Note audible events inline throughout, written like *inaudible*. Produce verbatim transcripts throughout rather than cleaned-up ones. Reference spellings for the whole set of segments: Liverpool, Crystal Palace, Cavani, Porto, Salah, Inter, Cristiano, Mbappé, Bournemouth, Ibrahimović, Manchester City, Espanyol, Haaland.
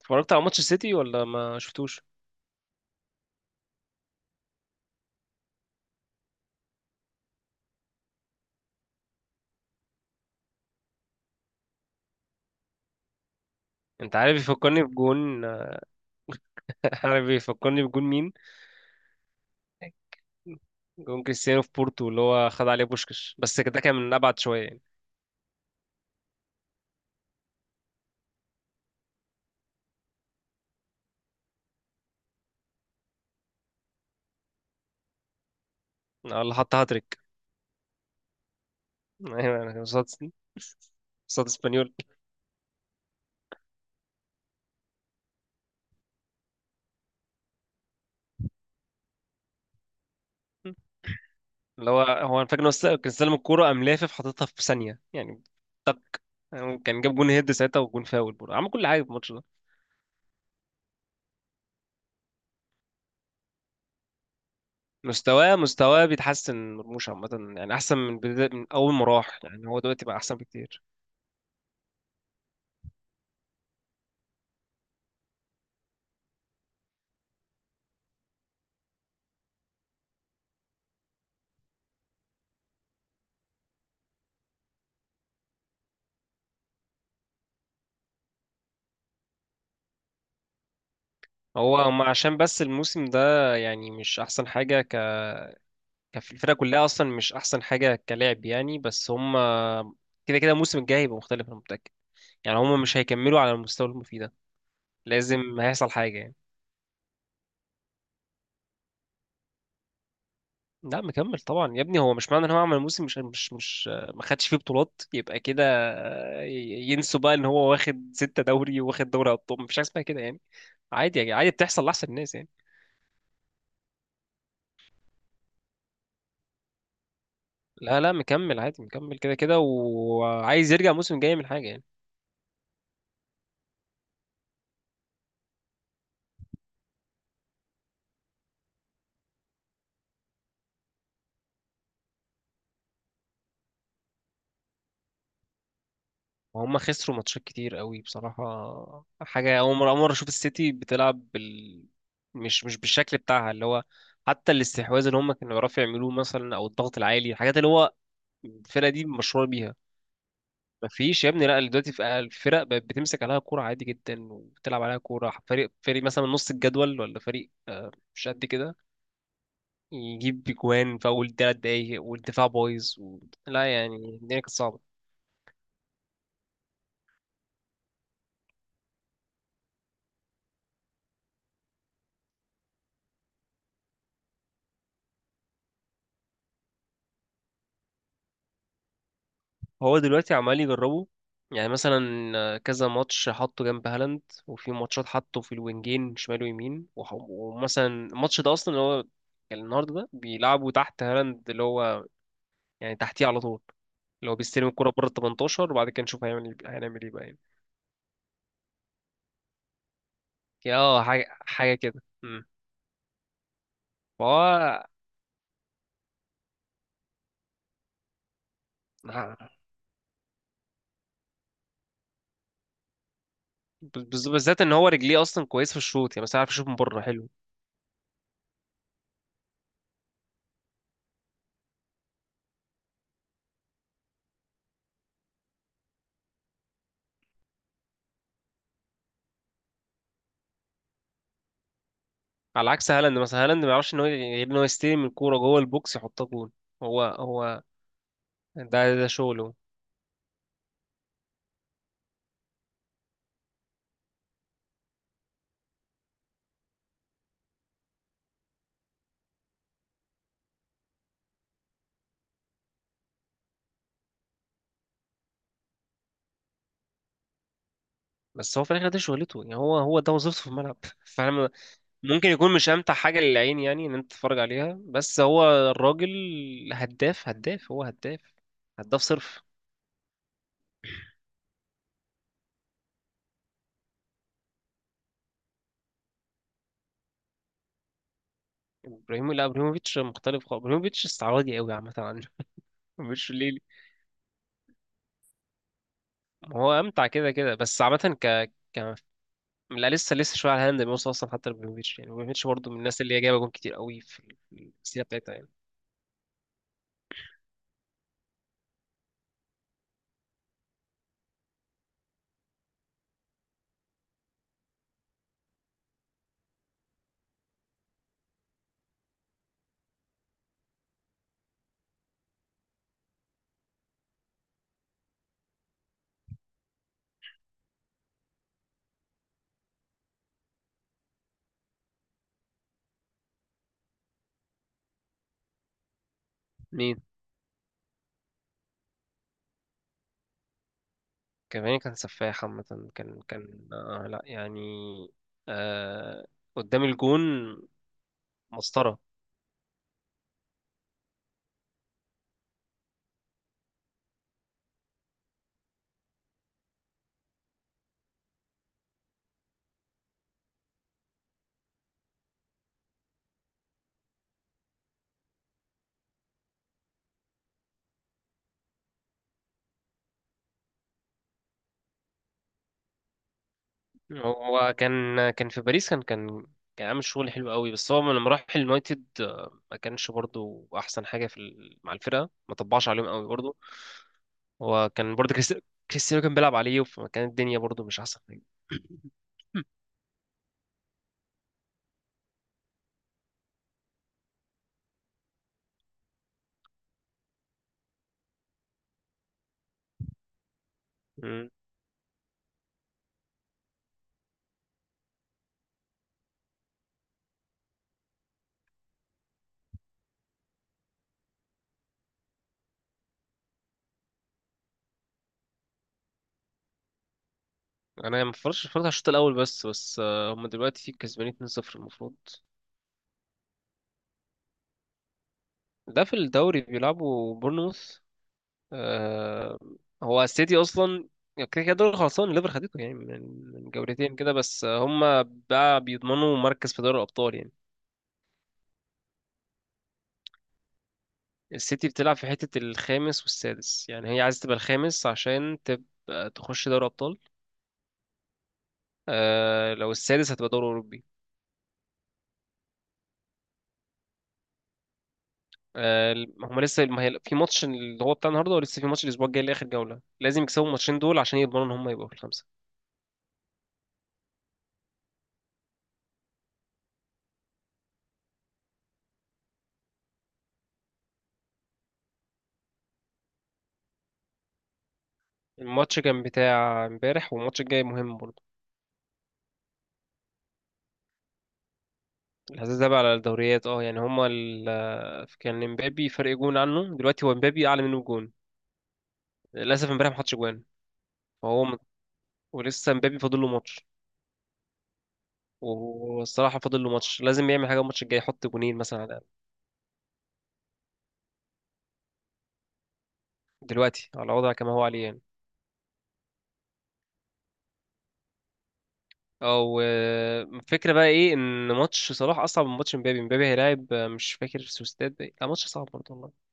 اتفرجت على ماتش السيتي ولا ما شفتوش؟ انت عارف يفكرني بجون. *laughs* عارف يفكرني بجون مين؟ جون كريستيانو في بورتو اللي هو خد عليه بوشكش، بس ده كان من ابعد شويه يعني. اه، اللي حط هاتريك. *laughs* ايوه، انا كان قصاد، قصاد اسبانيول. اللي هو هو انا فاكر ان هو است- كان استلم الكوره، قام لافف حاططها في ثانيه يعني. طب كان جاب جون هيد ساعتها، وجون فاول برضه عمل كل حاجه في الماتش ده. مستواه مستواه بيتحسن مرموش عامه يعني، احسن من بداية، من اول ما راح، يعني هو دلوقتي بقى احسن بكتير. هو هم عشان بس الموسم ده يعني مش احسن حاجه ك... كف- الفرقه كلها اصلا مش احسن حاجه كلاعب يعني، بس هم كده كده الموسم الجاي هيبقى مختلف، انا متاكد. يعني هم مش هيكملوا على المستوى اللي هم فيه ده، لازم هيحصل حاجه يعني. لا مكمل طبعا يا ابني، هو مش معنى ان هو عمل موسم مش مش مش ما خدش فيه بطولات يبقى كده، ي- ينسوا بقى ان هو واخد ستة دوري وواخد دوري ابطال. مفيش حاجه اسمها كده يعني، عادي يعني، عادي بتحصل لاحسن الناس يعني. لا لا مكمل عادي، مكمل كده كده، وعايز يرجع الموسم الجاي من حاجه يعني. وهم خسروا ماتشات كتير قوي بصراحة، حاجة أول مرة، أول مرة أشوف السيتي بتلعب بال... مش مش بالشكل بتاعها اللي هو حتى الاستحواذ اللي هم كانوا بيعرفوا يعملوه مثلا، أو الضغط العالي، الحاجات اللي هو الفرقة دي مشهورة بيها. مفيش يا ابني، لا دلوقتي في الفرق بقت بتمسك عليها كورة عادي جدا، وبتلعب عليها كورة فريق فريق مثلا من نص الجدول، ولا فريق آه، مش قد كده، يجيب بجوان في أول تلات دقايق، والدفاع بايظ و... لا يعني الدنيا كانت صعبة. هو دلوقتي عمال يجربه، يعني مثلا آه، كذا ماتش حطه جنب هالاند، وفي ماتشات حطه في الوينجين شمال ويمين، وح- ومثلا الماتش ده اصلا اللي هو كان النهارده ده، بيلعبوا تحت هالاند، اللي هو يعني تحتيه على طول، اللي هو بيستلم الكرة بره ال تمنتاشر، وبعد كده نشوف هيعمل إيه، هنعمل ايه بقى يعني. يا اه حاجة حاجة كده امم. فهو بز- بز- بالذات ان هو رجليه اصلا كويس في الشوط، يعني مثلا عارف يشوط من بره حلو. على عكس هالاند مثلا، هالاند ما يعرفش ان هو غير ان هو يستلم الكورة جوه البوكس يحطها جول. هو هو ده ده شغله. بس هو في الاخر ده شغلته يعني، هو هو ده وظيفته في الملعب. *laughs* فانا م- ممكن يكون مش امتع حاجه للعين يعني ان انت تتفرج عليها، بس هو الراجل هداف، هداف، هو هداف، هداف صرف. ابراهيم لا، ابراهيموفيتش مختلف خالص، ابراهيموفيتش استعراضي قوي عامه عنه. *laughs* مش ليه، هو امتع كده كده، بس عامه ك ك لا لسه، لسه شويه على هاند بيوصل اصلا حتى لابراهيموفيتش يعني. ابراهيموفيتش برضه من الناس اللي هي جايبه جون كتير قوي في ال- في السيره بتاعتها يعني. مين؟ كافاني كان سفاح عامة، كان كان آه لا يعني، آه قدام الجون مسطرة. هو كان كان في باريس، كان كان كان عامل شغل حلو قوي، بس هو لما راح اليونايتد آه، ما كانش برضو أحسن حاجة في ال- مع الفرقة، ما طبعش عليهم قوي برضو. هو كان برضو كريستي- كريستيانو كان بيلعب عليه، فكانت الدنيا برضو مش أحسن حاجة. *laughs* مم. انا ما اتفرجتش، اتفرجت على الشوط الاول بس، بس آه، هم دلوقتي كسبانين اتنين صفر المفروض. ده في الدوري بيلعبوا بورنموث. آه، هو السيتي اصلا كده كده دوري خلصان، الليفر خدته يعني من من جولتين كده، بس هم بقى بيضمنوا مركز في دوري الابطال يعني. السيتي بتلعب في حته الخامس والسادس، يعني هي عايزه تبقى الخامس عشان تبقى تخش دوري ابطال، آه لو السادس هتبقى دوري اوروبي. آه، هم لسه ما هي- في ماتش اللي هو بتاع النهارده، ولسه في ماتش الاسبوع الجاي لاخر جوله. لازم يكسبوا الماتشين دول عشان يضمنوا ان هم يبقوا في الخمسه. الماتش كان بتاع امبارح، والماتش الجاي مهم برضه. الحساس ده بقى على الدوريات اه يعني، هما ال... كان امبابي فرق جون عنه، دلوقتي هو امبابي اعلى منه بجون. للاسف امبارح ما حطش جوان، فهو م- ولسه امبابي فاضل له ماتش. والصراحه فاضل له ماتش، لازم يعمل حاجه الماتش الجاي، يحط جونين مثلا على الأقل. دلوقتي على وضع كما هو عليه يعني. او آه، الفكره بقى ايه، ان ماتش صلاح اصعب من ماتش امبابي. امبابي هيلاعب آه، مش فاكر سوستات بقى. لا ماتش صعب برضه والله،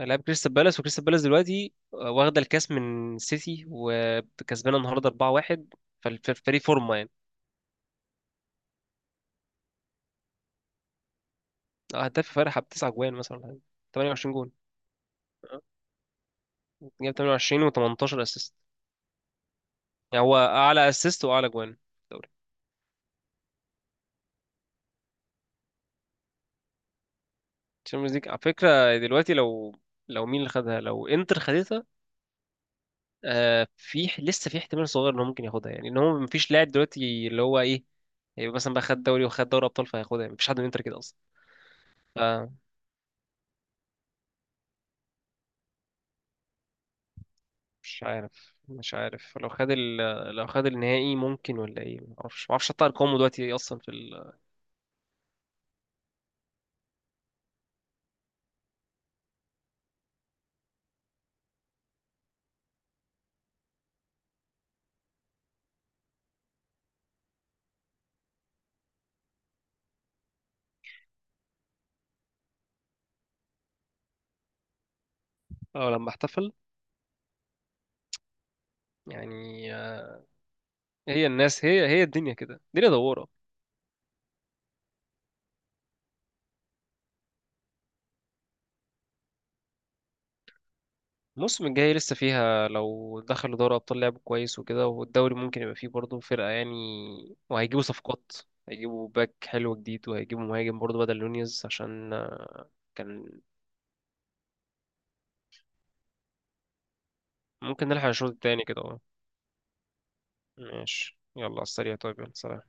هيلاعب كريستال بالاس، وكريستال بالاس دلوقتي آه، واخده الكاس من سيتي، وكسبانه النهارده أربعة واحد. فالفريق فورمه يعني. آه، هداف فرحة بتسع جوان مثلا ولا حاجة. تمنية وعشرين جون. آه. جاب تمنية وعشرين و18 اسيست، يعني هو اعلى اسيست واعلى جوان في الدوري. الشامبيونز ليج على فكرة دلوقتي لو لو مين اللي خدها، لو انتر خدتها، آه في لسه في احتمال صغير ان هو ممكن ياخدها يعني، ان هو مفيش لاعب دلوقتي اللي هو ايه، هيبقى مثلا بقى خد دوري وخد دوري ابطال فهياخدها. مفيش حد من انتر كده اصلا. آه، مش عارف، مش عارف لو خد ال... لو خد النهائي ممكن، ولا ايه معرفش، معرفش حتى ارقامه دلوقتي ايه اصلا في ال... أو لما احتفل، يعني هي الناس هي هي الدنيا كده، الدنيا دوارة. الموسم الجاي لسه فيها، لو دخلوا دوري أبطال لعب كويس وكده، والدوري ممكن يبقى فيه برضه فرقة يعني، وهيجيبوا صفقات، هيجيبوا باك حلو جديد، وهيجيبوا مهاجم برضه بدل نونيز عشان كان. ممكن نلحق الشوط التاني كده اه. ماشي، يلا على السريع، طيب يلا سلام.